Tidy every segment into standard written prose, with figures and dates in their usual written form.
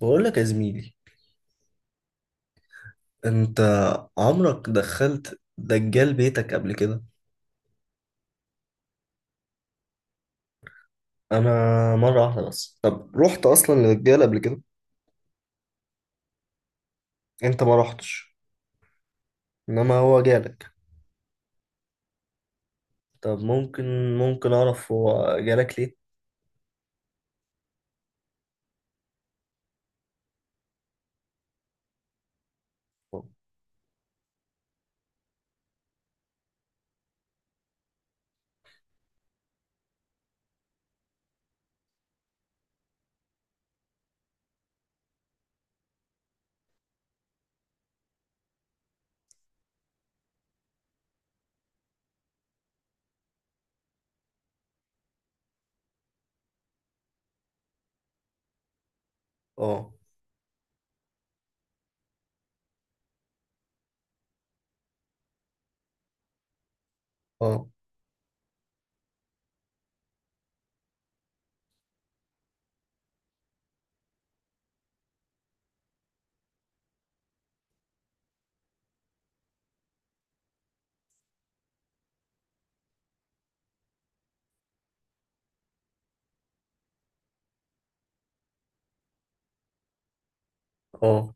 بقول لك يا زميلي، انت عمرك دخلت دجال بيتك قبل كده؟ انا مره واحده بس. طب رحت اصلا لدجال قبل كده؟ انت ما رحتش؟ انما هو جالك؟ طب ممكن، ممكن اعرف هو جالك ليه؟ اه، اه، اه، اه،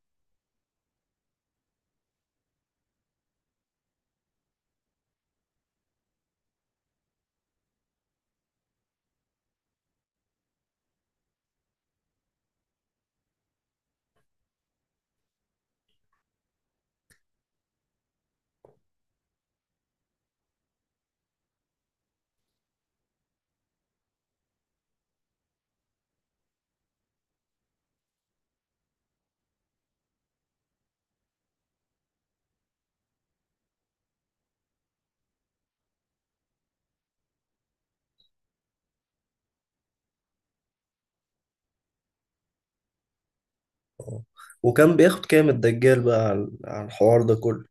وكان بياخد كام الدجال بقى على الحوار ده كله؟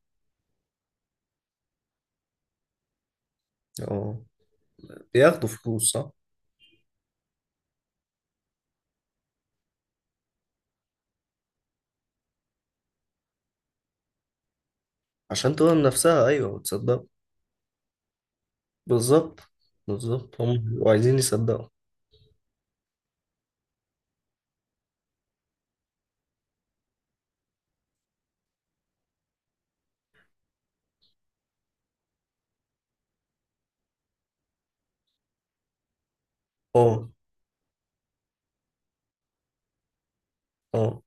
اه، بياخدوا فلوس صح؟ عشان تقول نفسها ايوه وتصدق. بالظبط، بالظبط هم بيبقوا عايزين يصدقوا. اه، اه،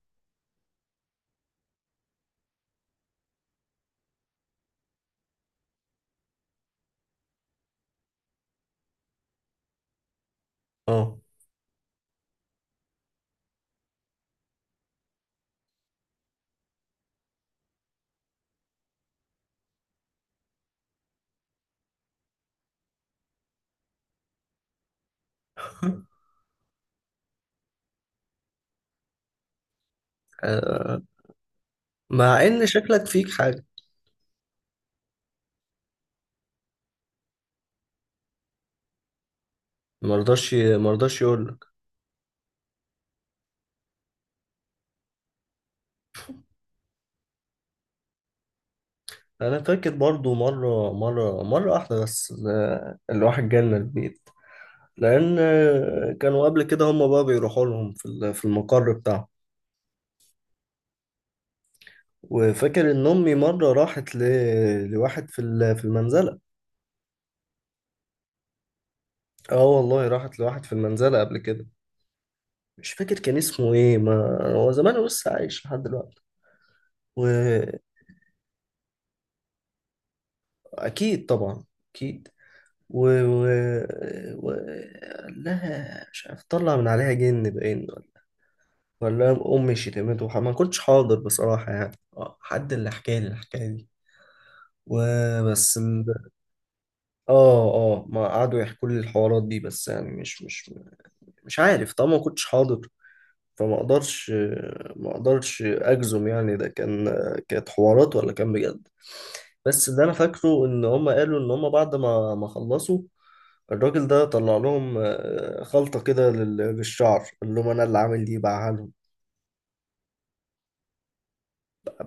اه. مع ان شكلك فيك حاجه. مرضاش يقول لك. انا فاكر برضو مره واحده بس، الواحد جالنا البيت. لان كانوا قبل كده هم بقى بيروحوا لهم في في المقر بتاعهم. وفاكر ان امي مره راحت ل... لواحد في في المنزله. اه والله راحت لواحد في المنزله قبل كده. مش فاكر كان اسمه ايه، ما هو زمان، هو لسه عايش لحد دلوقتي. واكيد طبعا، اكيد. و... و... و... قال لها مش عارف طلع من عليها جن باين، ولا امي شتمته ما كنتش حاضر بصراحه، يعني اه حد اللي حكى لي الحكايه دي وبس. اه، اه، ما قعدوا يحكوا لي الحوارات دي بس، يعني مش عارف طبعا ما كنتش حاضر، فما اقدرش، ما اقدرش اجزم يعني ده كان، كانت حوارات ولا كان بجد. بس اللي انا فاكره ان هم قالوا ان هم بعد ما خلصوا الراجل ده طلع لهم خلطة كده للشعر، قال لهم انا اللي عامل دي، باعها لهم.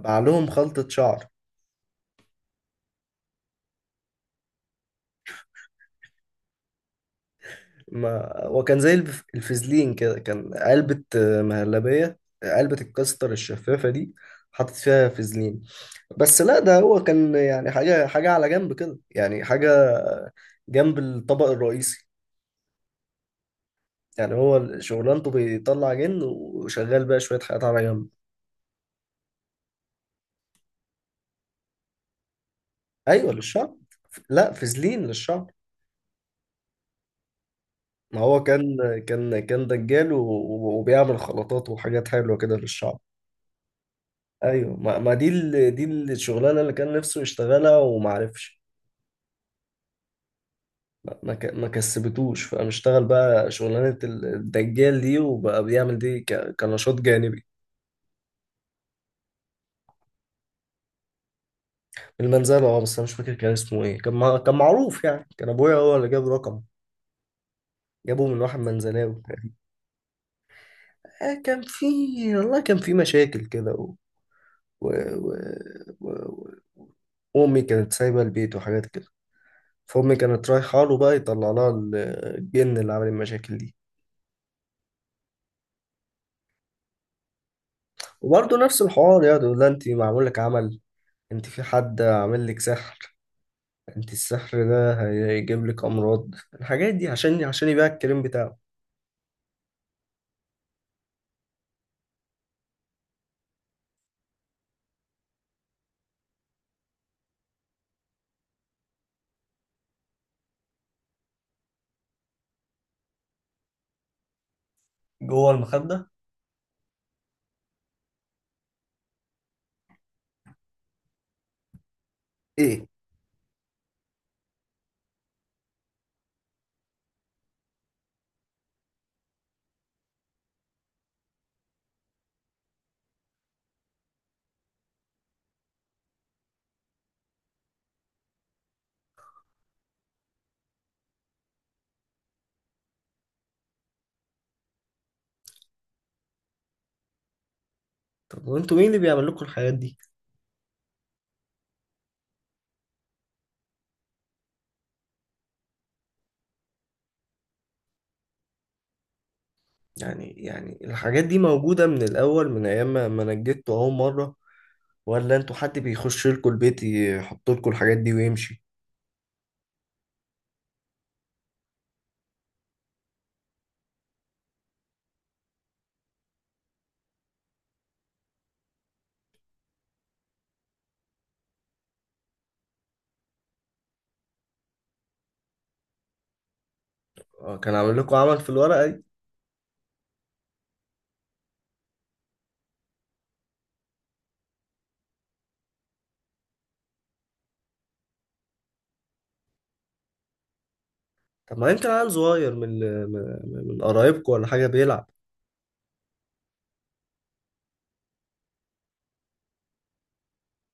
باع لهم خلطة شعر. ما وكان زي الفازلين كده، كان علبة مهلبية، علبة الكاستر الشفافة دي، حاطط فيها فازلين. بس لا ده هو كان يعني حاجة، حاجة على جنب كده، يعني حاجة جنب الطبق الرئيسي. يعني هو شغلانته بيطلع جن، وشغال بقى شوية حاجات على جنب. أيوة للشعب. لا، فازلين للشعب. ما هو كان، كان دجال وبيعمل خلطات وحاجات حلوة كده للشعب. أيوة، ما دي ال... دي الشغلانة اللي كان نفسه يشتغلها ومعرفش، ما كسبتوش، فقام اشتغل بقى شغلانة الدجال دي، وبقى بيعمل دي ك... كنشاط جانبي. المنزلة، اه. بس انا مش فاكر كان اسمه ايه، كان مع... كان معروف يعني، كان ابويا هو اللي جاب رقم، جابه من واحد منزلاوي. آه كان في، والله كان في مشاكل كده و... و... و... و... و... امي كانت سايبة البيت وحاجات كده، فامي كانت رايحة له بقى يطلع لها الجن اللي عمل المشاكل دي. وبرضه نفس الحوار، يعني يقول لها انت معمول لك عمل، انت في حد عامل لك سحر، انت السحر ده هيجيب لك امراض، الحاجات دي عشان يبيع الكريم بتاعه. جوه المخدة؟ ايه؟ طب وانتوا مين اللي بيعمل لكم الحاجات دي؟ يعني الحاجات دي موجودة من الأول من أيام ما نجدتوا أول مرة، ولا انتوا حد بيخش لكم البيت يحط لكم الحاجات دي ويمشي؟ اه، كان عامل لكم عمل في الورقة دي؟ طب ما يمكن عيل صغير من من قرايبكم ولا حاجة بيلعب؟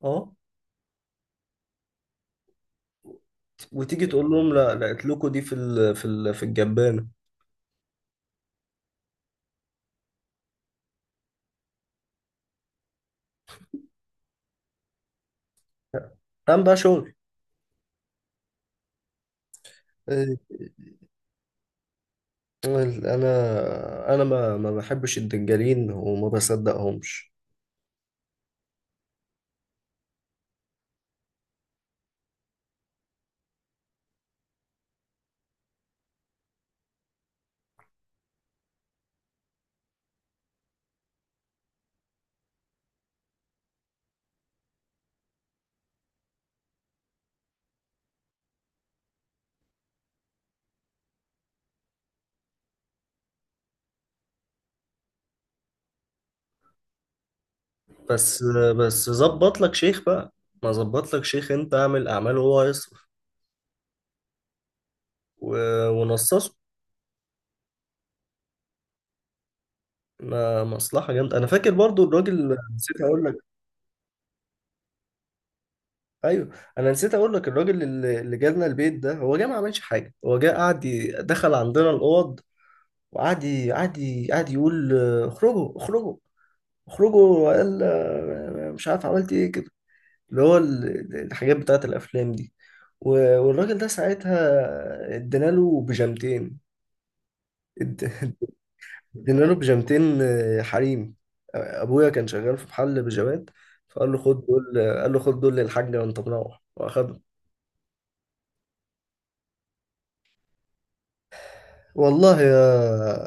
اه، وتيجي تقول لهم لا لقيت لكم دي في ال في ال في الجبانة. قام بقى شغل. ال- انا، انا ما بحبش الدجالين وما بصدقهمش. بس بس ظبط لك شيخ بقى، ما ظبط لك شيخ، انت اعمل اعمال وهو هيصرف، ونصصه. ما مصلحة جامدة. انا فاكر برضو الراجل، نسيت اقول لك. ايوه، انا نسيت اقول لك الراجل اللي جالنا البيت ده، هو جه ما عملش حاجة، هو جه قعد دخل عندنا الاوض، وقعد قعد يقول اخرجوا، اخرجوا، اخرجوا، وقال مش عارف عملت ايه كده، اللي هو الحاجات بتاعت الافلام دي. والراجل ده ساعتها ادينا له بيجامتين، ادينا له بيجامتين حريمي، ابويا كان شغال في محل بيجامات، فقال له خد دول، قال له خد دول للحاج وانت مروح واخده. والله يا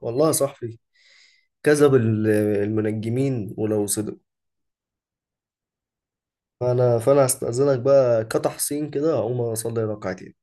والله يا صاحبي، كذب المنجمين ولو صدق. فانا، هستأذنك بقى كتحسين كده اقوم اصلي ركعتين.